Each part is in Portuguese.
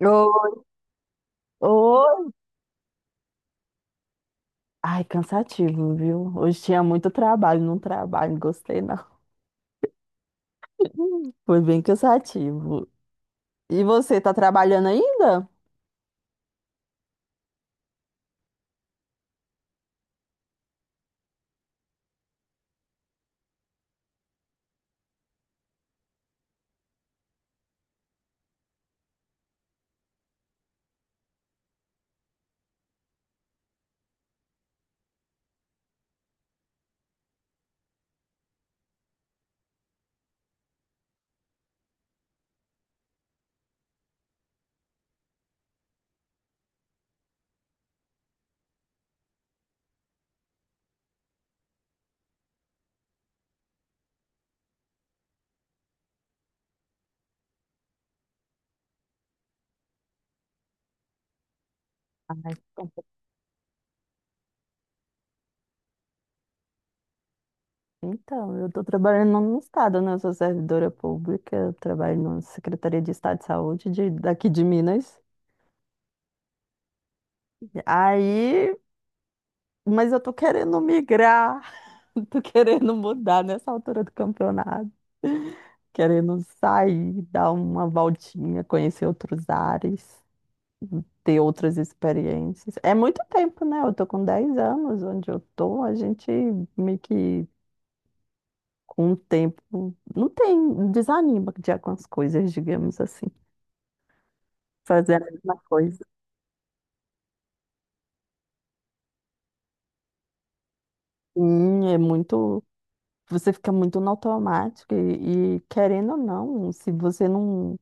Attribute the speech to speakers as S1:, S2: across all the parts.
S1: Oi, oi. Ai, cansativo, viu? Hoje tinha muito trabalho, não gostei não. Foi bem cansativo. E você, tá trabalhando ainda? Ai, bom, então, eu tô trabalhando no estado, né? Eu sou servidora pública, eu trabalho na Secretaria de Estado de Saúde daqui de Minas. Aí, mas eu tô querendo migrar, tô querendo mudar nessa altura do campeonato, querendo sair, dar uma voltinha, conhecer outros ares, ter outras experiências. É muito tempo, né? Eu tô com 10 anos onde eu tô. A gente meio que com o tempo não tem, desanima de algumas coisas, digamos assim. Fazer a mesma coisa. Sim, é muito, você fica muito no automático e, querendo ou não, se você não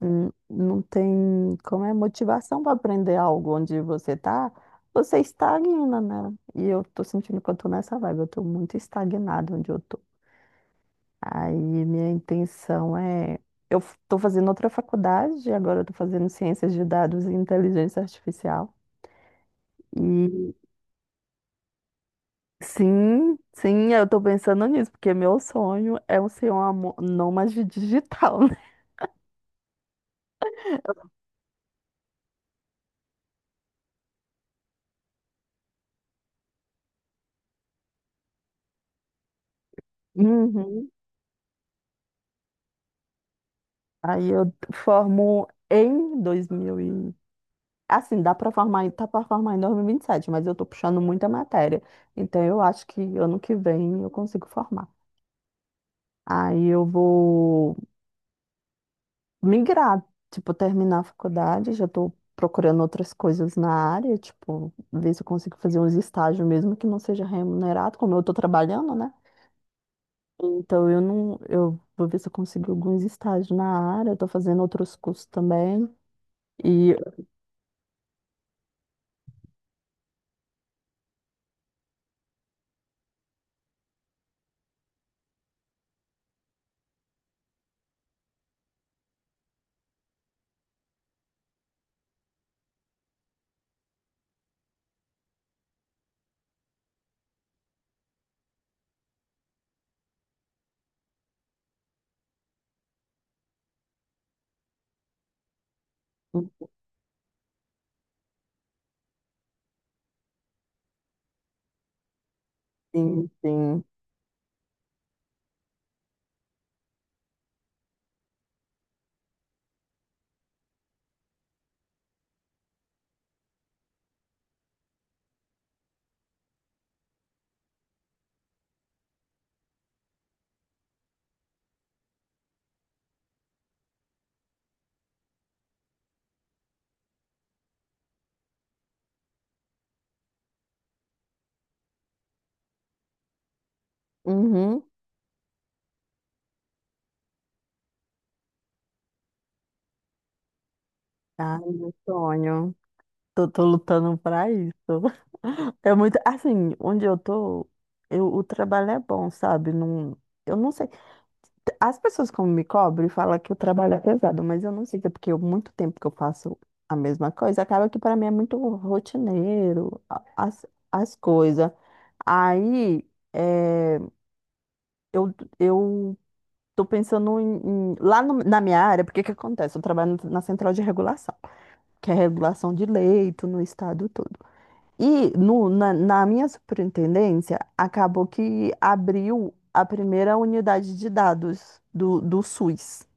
S1: não tem como é motivação para aprender algo onde você tá, você estagna, né? E eu tô sentindo que eu tô nessa vibe, eu tô muito estagnada onde eu tô. Aí minha intenção é... Eu estou fazendo outra faculdade, agora eu estou fazendo ciências de dados e inteligência artificial. E sim, sim, eu estou pensando nisso, porque meu sonho é eu ser uma nômade digital, né? Uhum. Aí eu formo em 2000 e... Assim, dá para formar, tá para formar em 2027, mas eu estou puxando muita matéria. Então eu acho que ano que vem eu consigo formar. Aí eu vou migrar, tipo, terminar a faculdade, já tô procurando outras coisas na área, tipo, ver se eu consigo fazer uns estágios mesmo que não seja remunerado, como eu tô trabalhando, né? Então eu não, eu vou ver se eu consigo alguns estágios na área, eu tô fazendo outros cursos também. E sim, sim. Uhum. Ah, meu sonho. Tô, tô lutando pra isso. É muito, assim, onde eu tô, eu, o trabalho é bom, sabe? Não, eu não sei. As pessoas como me cobram e falam que o trabalho é pesado, mas eu não sei se é porque eu, muito tempo que eu faço a mesma coisa, acaba que para mim é muito rotineiro, as, as coisas. Aí eh, eu, eu tô pensando em, lá na minha área, porque que acontece? Eu trabalho na central de regulação, que é regulação de leito no estado todo. E no, na, na minha superintendência, acabou que abriu a primeira unidade de dados do SUS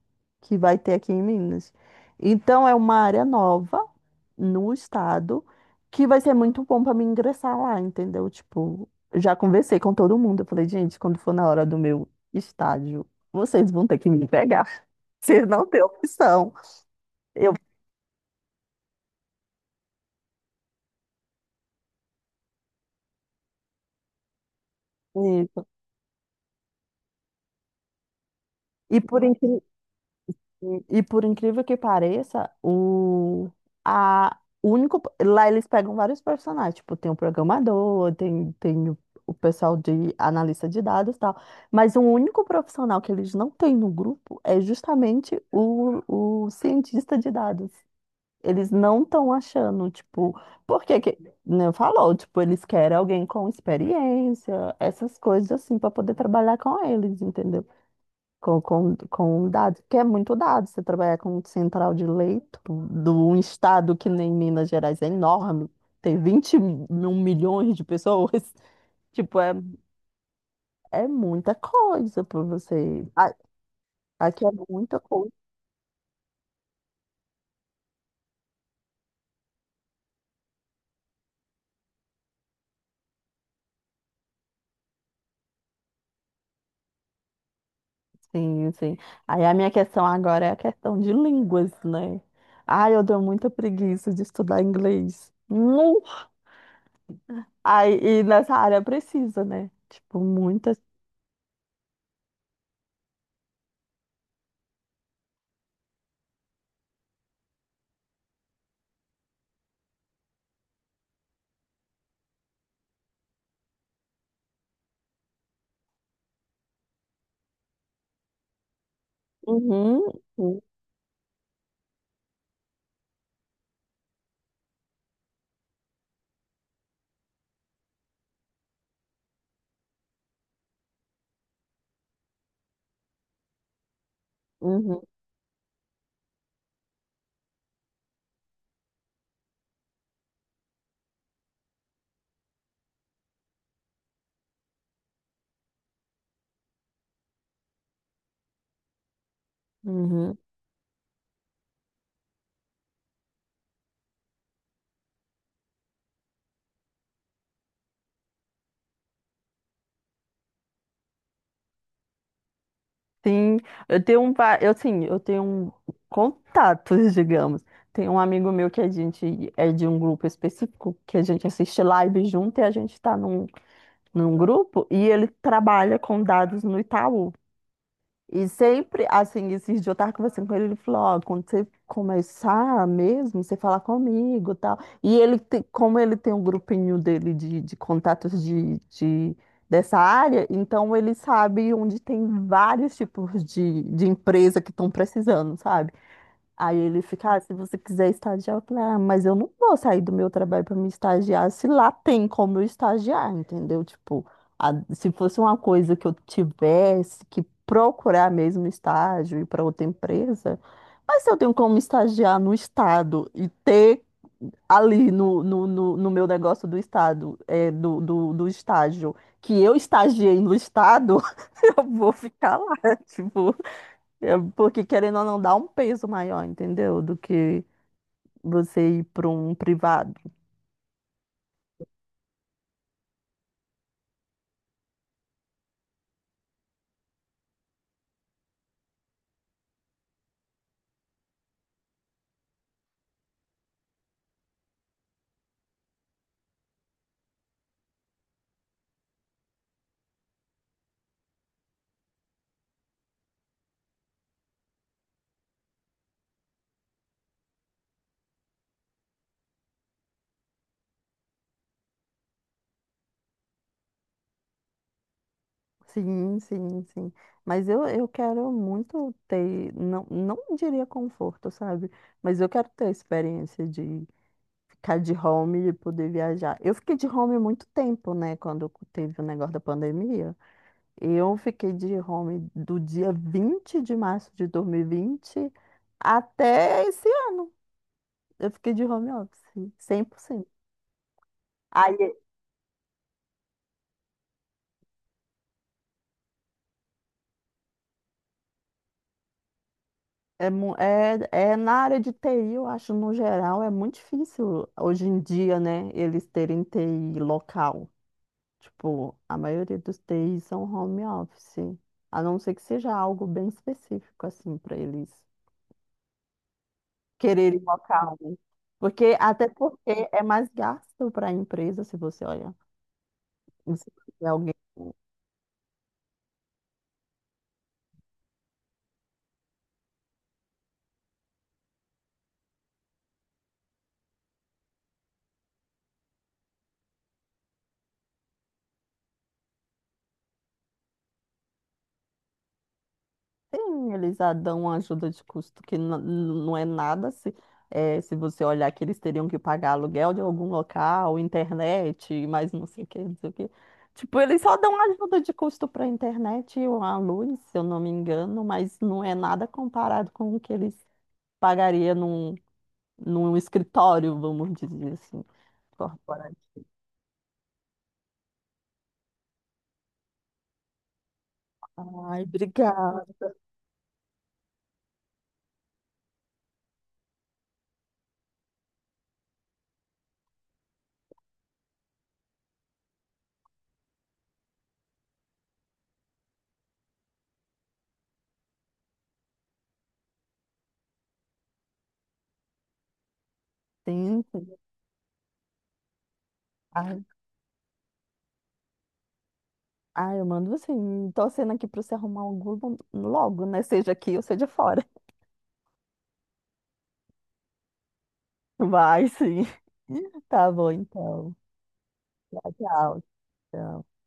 S1: que vai ter aqui em Minas. Então, é uma área nova no estado que vai ser muito bom para mim ingressar lá, entendeu? Tipo, já conversei com todo mundo. Eu falei, gente, quando for na hora do meu estágio, vocês vão ter que me pegar. Vocês não têm opção. Eu, isso. E por incrível e por incrível que pareça, o único. Lá eles pegam vários personagens, tipo, tem o programador, tem o pessoal de analista de dados e tal. Mas o único profissional que eles não têm no grupo é justamente o cientista de dados. Eles não estão achando, tipo, porque que, né, falou, tipo, eles querem alguém com experiência, essas coisas assim, para poder trabalhar com eles, entendeu? Com dados, porque é muito dado. Você trabalhar com um central de leito de um estado que nem Minas Gerais é enorme, tem 21 milhões de pessoas. Tipo, é, é muita coisa para você. A- Aqui é muita coisa, sim, sim. Aí a minha questão agora é a questão de línguas, né? Ai, eu dou muita preguiça de estudar inglês. Nu! Aí, e nessa área precisa, né? Tipo, muitas. Uhum, uhum, uhum. Uhum. Sim, eu tenho um, eu sim, eu tenho um contatos, digamos. Tem um amigo meu que a gente é de um grupo específico, que a gente assiste live junto e a gente está num, num grupo e ele trabalha com dados no Itaú. E sempre, assim, esses dias eu tava conversando com ele, ele falou, ó, quando você começar mesmo, você falar comigo e tal. E ele, como ele tem um grupinho dele de contatos dessa área, então ele sabe onde tem vários tipos de empresa que estão precisando, sabe? Aí ele fica, ah, se você quiser estagiar, eu falei, ah, mas eu não vou sair do meu trabalho para me estagiar se lá tem como eu estagiar, entendeu? Tipo, se fosse uma coisa que eu tivesse que procurar mesmo estágio e para outra empresa, mas se eu tenho como estagiar no estado e ter ali no meu negócio do estado, é, do estágio, que eu estagiei no estado, eu vou ficar lá, tipo. É, porque querendo ou não, dá um peso maior, entendeu? Do que você ir para um privado. Sim, sim, sim. Mas eu quero muito ter, não, não diria conforto, sabe? Mas eu quero ter a experiência de ficar de home e poder viajar. Eu fiquei de home muito tempo, né? Quando teve o negócio da pandemia. Eu fiquei de home do dia 20 de março de 2020 até esse ano. Eu fiquei de home office, 100%. Aí é, é na área de TI, eu acho, no geral, é muito difícil hoje em dia, né, eles terem TI local. Tipo, a maioria dos TIs são home office, a não ser que seja algo bem específico, assim, para eles quererem local, né? Porque, até porque é mais gasto para a empresa, se você olha, se você tiver alguém. Sim, eles já dão uma ajuda de custo que não é nada se, se você olhar que eles teriam que pagar aluguel de algum local, internet, mais não sei o que, não sei o que. Tipo, eles só dão ajuda de custo para a internet e a luz, se eu não me engano, mas não é nada comparado com o que eles pagariam num, num escritório, vamos dizer assim, corporativo. Ai, obrigada. Sim, sim. Ai, ai, eu mando assim, torcendo aqui para você arrumar um Google logo, né? Seja aqui ou seja fora. Vai sim. Tá bom, então. Tchau, tchau. Tchau.